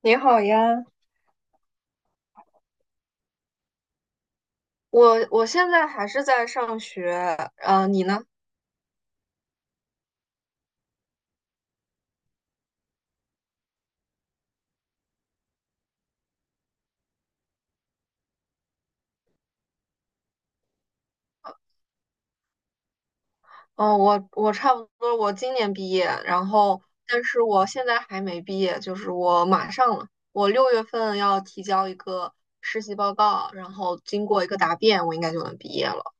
你好呀。我现在还是在上学。你呢？哦，我差不多，我今年毕业，然后但是我现在还没毕业，就是我马上了，我六月份要提交一个实习报告，然后经过一个答辩，我应该就能毕业了。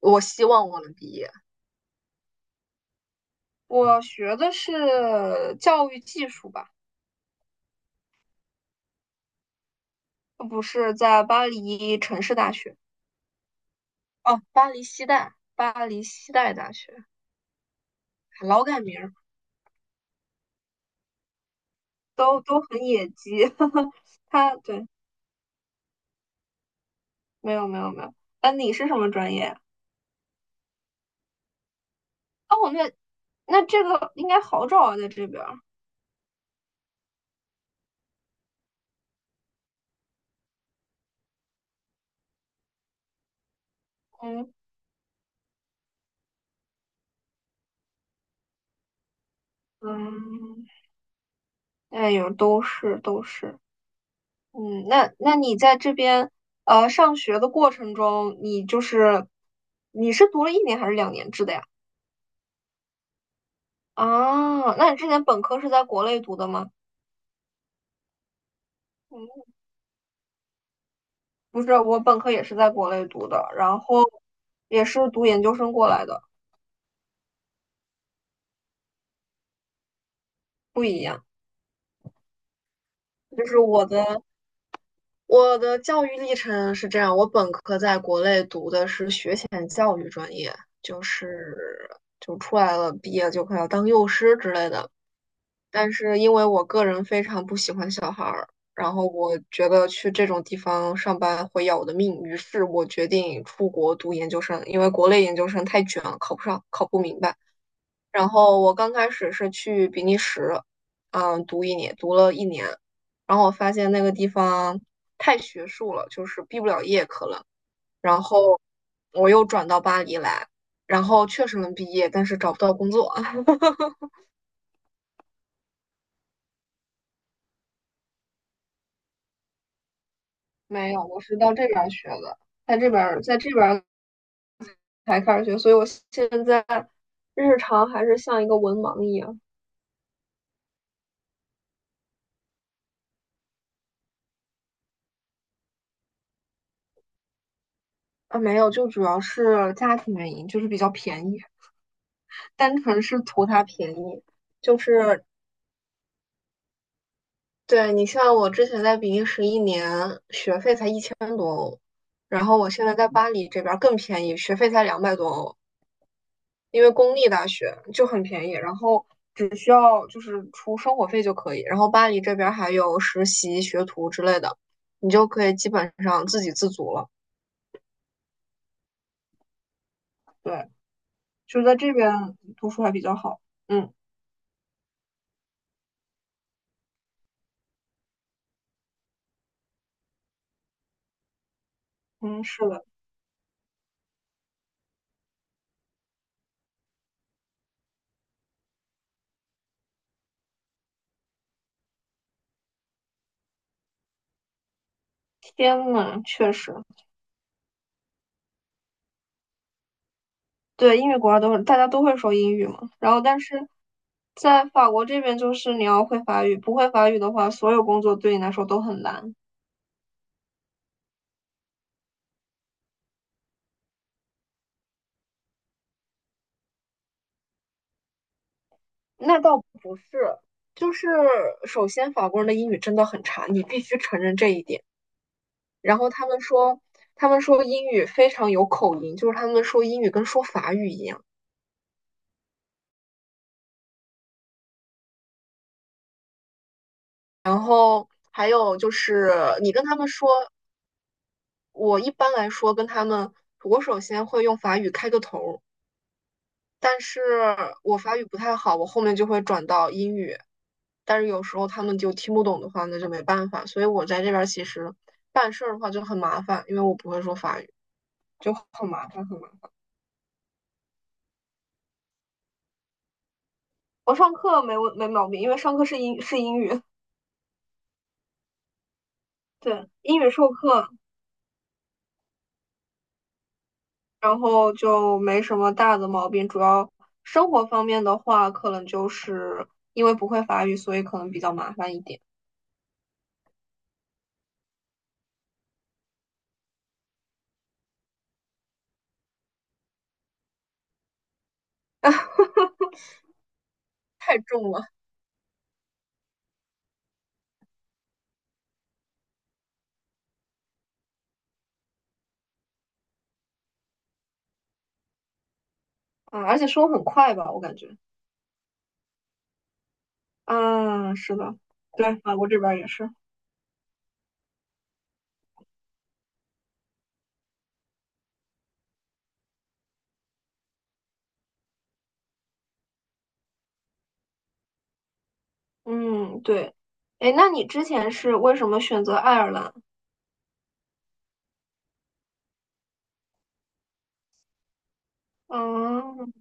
我希望我能毕业。我学的是教育技术吧。不是，在巴黎城市大学。哦，巴黎西带，巴黎西带大学，老改名。都很野鸡。他对，没有没有没有。啊，你是什么专业呀？哦，那那这个应该好找啊，在这边儿。嗯嗯，哎呦，都是都是。嗯，那那你在这边上学的过程中，你就是你是读了一年还是两年制的呀？啊，那你之前本科是在国内读的吗？嗯，不是，我本科也是在国内读的，然后也是读研究生过来的。不一样。就是我的。我的教育历程是这样，我本科在国内读的是学前教育专业，就是就出来了，毕业就快要当幼师之类的。但是因为我个人非常不喜欢小孩儿，然后我觉得去这种地方上班会要我的命，于是我决定出国读研究生，因为国内研究生太卷了，考不上，考不明白。然后我刚开始是去比利时，嗯，读一年，读了一年，然后我发现那个地方太学术了，就是毕不了业可能。然后我又转到巴黎来，然后确实能毕业，但是找不到工作。没有，我是到这边儿学的，在这边儿才开始学，所以我现在日常还是像一个文盲一样。啊，没有，就主要是家庭原因，就是比较便宜，单纯是图它便宜，就是对，你像我之前在比利时一年学费才一，然后我现在在巴黎这边儿更便宜，学费才200多欧，因为公立大学就很便宜，然后只需要就是出生活费就可以。然后巴黎这边儿还有实习、学徒之类的，你就可以基本上自给自足了。对，就在这边读书还比较好。嗯嗯，是的，天呐，确实。对，英语国家都大家都会说英语嘛。然后，但是在法国这边，就是你要会法语，不会法语的话，所有工作对你来说都很难。那倒就是首先，法国人的英语真的很差，你必须承认这一点。然后他们说，他们说英语非常有口音，就是他们说英语跟说法语一样。还有就是你跟他们说，我一般来说跟他们，我首先会用法语开个头，但是我法语不太好，我后面就会转到英语。但是有时候他们就听不懂的话，那就没办法。所以我在这边其实办事儿的话就很麻烦，因为我不会说法语，就很麻烦，很麻烦。我上课没问没毛病，因为上课是英语。对，英语授课，然后就没什么大的毛病。主要生活方面的话，可能就是因为不会法语，所以可能比较麻烦一点。太重了！啊，而且说很快吧，我感觉。嗯，是的。对，法国这边儿也是。嗯，对。哎，那你之前是为什么选择爱尔兰？嗯，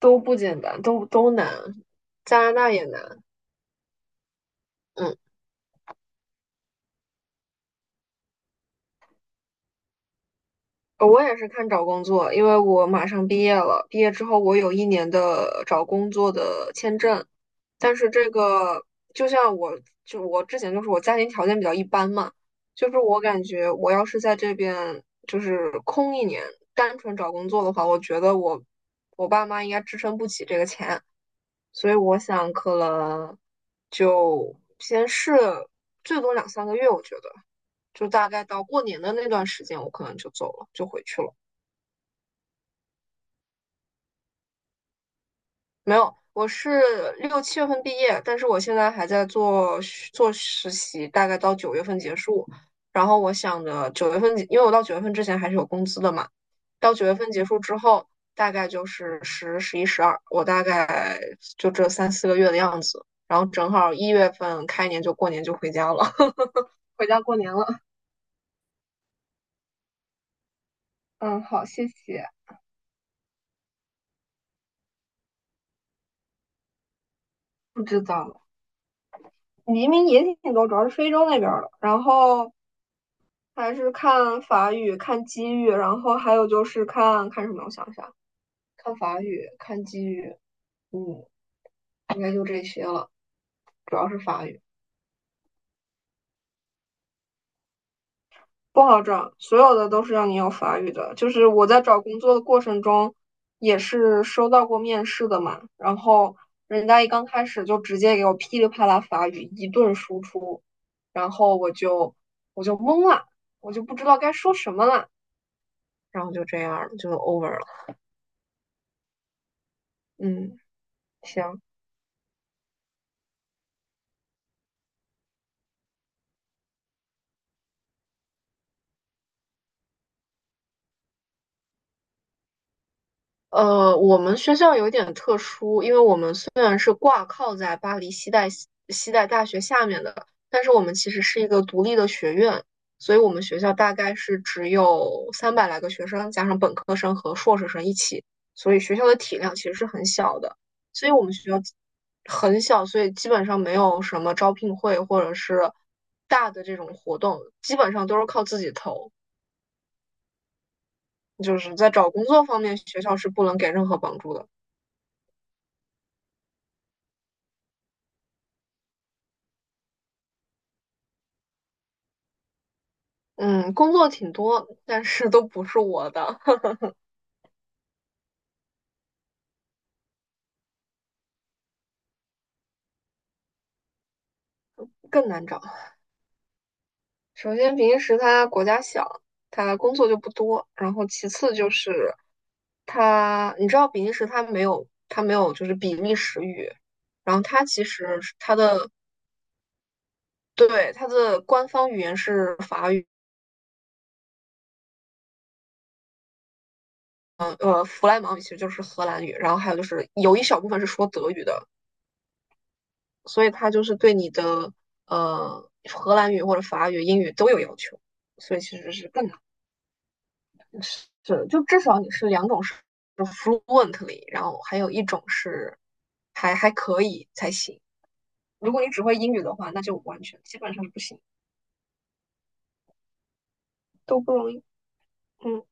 都不简单，都都难。加拿大也难。嗯。我也是看找工作，因为我马上毕业了。毕业之后，我有一年的找工作的签证，但是这个就像我，就我之前就是我家庭条件比较一般嘛，就是我感觉我要是在这边就是空一年，单纯找工作的话，我觉得我我爸妈应该支撑不起这个钱，所以我想可能就先试最多两三个月，我觉得就大概到过年的那段时间，我可能就走了，就回去了。没有，我是六七月份毕业，但是我现在还在做实习，大概到九月份结束。然后我想着九月份，因为我到九月份之前还是有工资的嘛，到九月份结束之后，大概就是十、十一、十二，我大概就这三四个月的样子。然后正好一月份开年就过年就回家了。回家过年了。嗯，好，谢谢。不知道。移民也挺多，主要是非洲那边儿的。然后还是看法语、看机遇，然后还有就是看看什么？我想一下，看法语、看机遇，嗯，应该就这些了，主要是法语。不好找，所有的都是要你有法语的。就是我在找工作的过程中，也是收到过面试的嘛，然后人家一刚开始就直接给我噼里啪啦法语一顿输出，然后我就懵了，我就不知道该说什么了，然后就这样就 over 了。嗯，行。我们学校有点特殊，因为我们虽然是挂靠在巴黎西代西西代大学下面的，但是我们其实是一个独立的学院，所以我们学校大概是只有300来个学生，加上本科生和硕士生一起，所以学校的体量其实是很小的。所以我们学校很小，所以基本上没有什么招聘会或者是大的这种活动，基本上都是靠自己投。就是在找工作方面，学校是不能给任何帮助的。嗯，工作挺多，但是都不是我的。更难找。首先，比利时它国家小，它工作就不多。然后，其次就是它，你知道比利时它没有，它没有就是比利时语，然后它其实是它的对它的官方语言是法语。弗莱芒语其实就是荷兰语，然后还有就是有一小部分是说德语的，所以它就是对你的荷兰语或者法语、英语都有要求，所以其实是更难。是，就至少你是两种是 fluently,然后还有一种是还可以才行。如果你只会英语的话，那就完全基本上是不行。都不容易。嗯。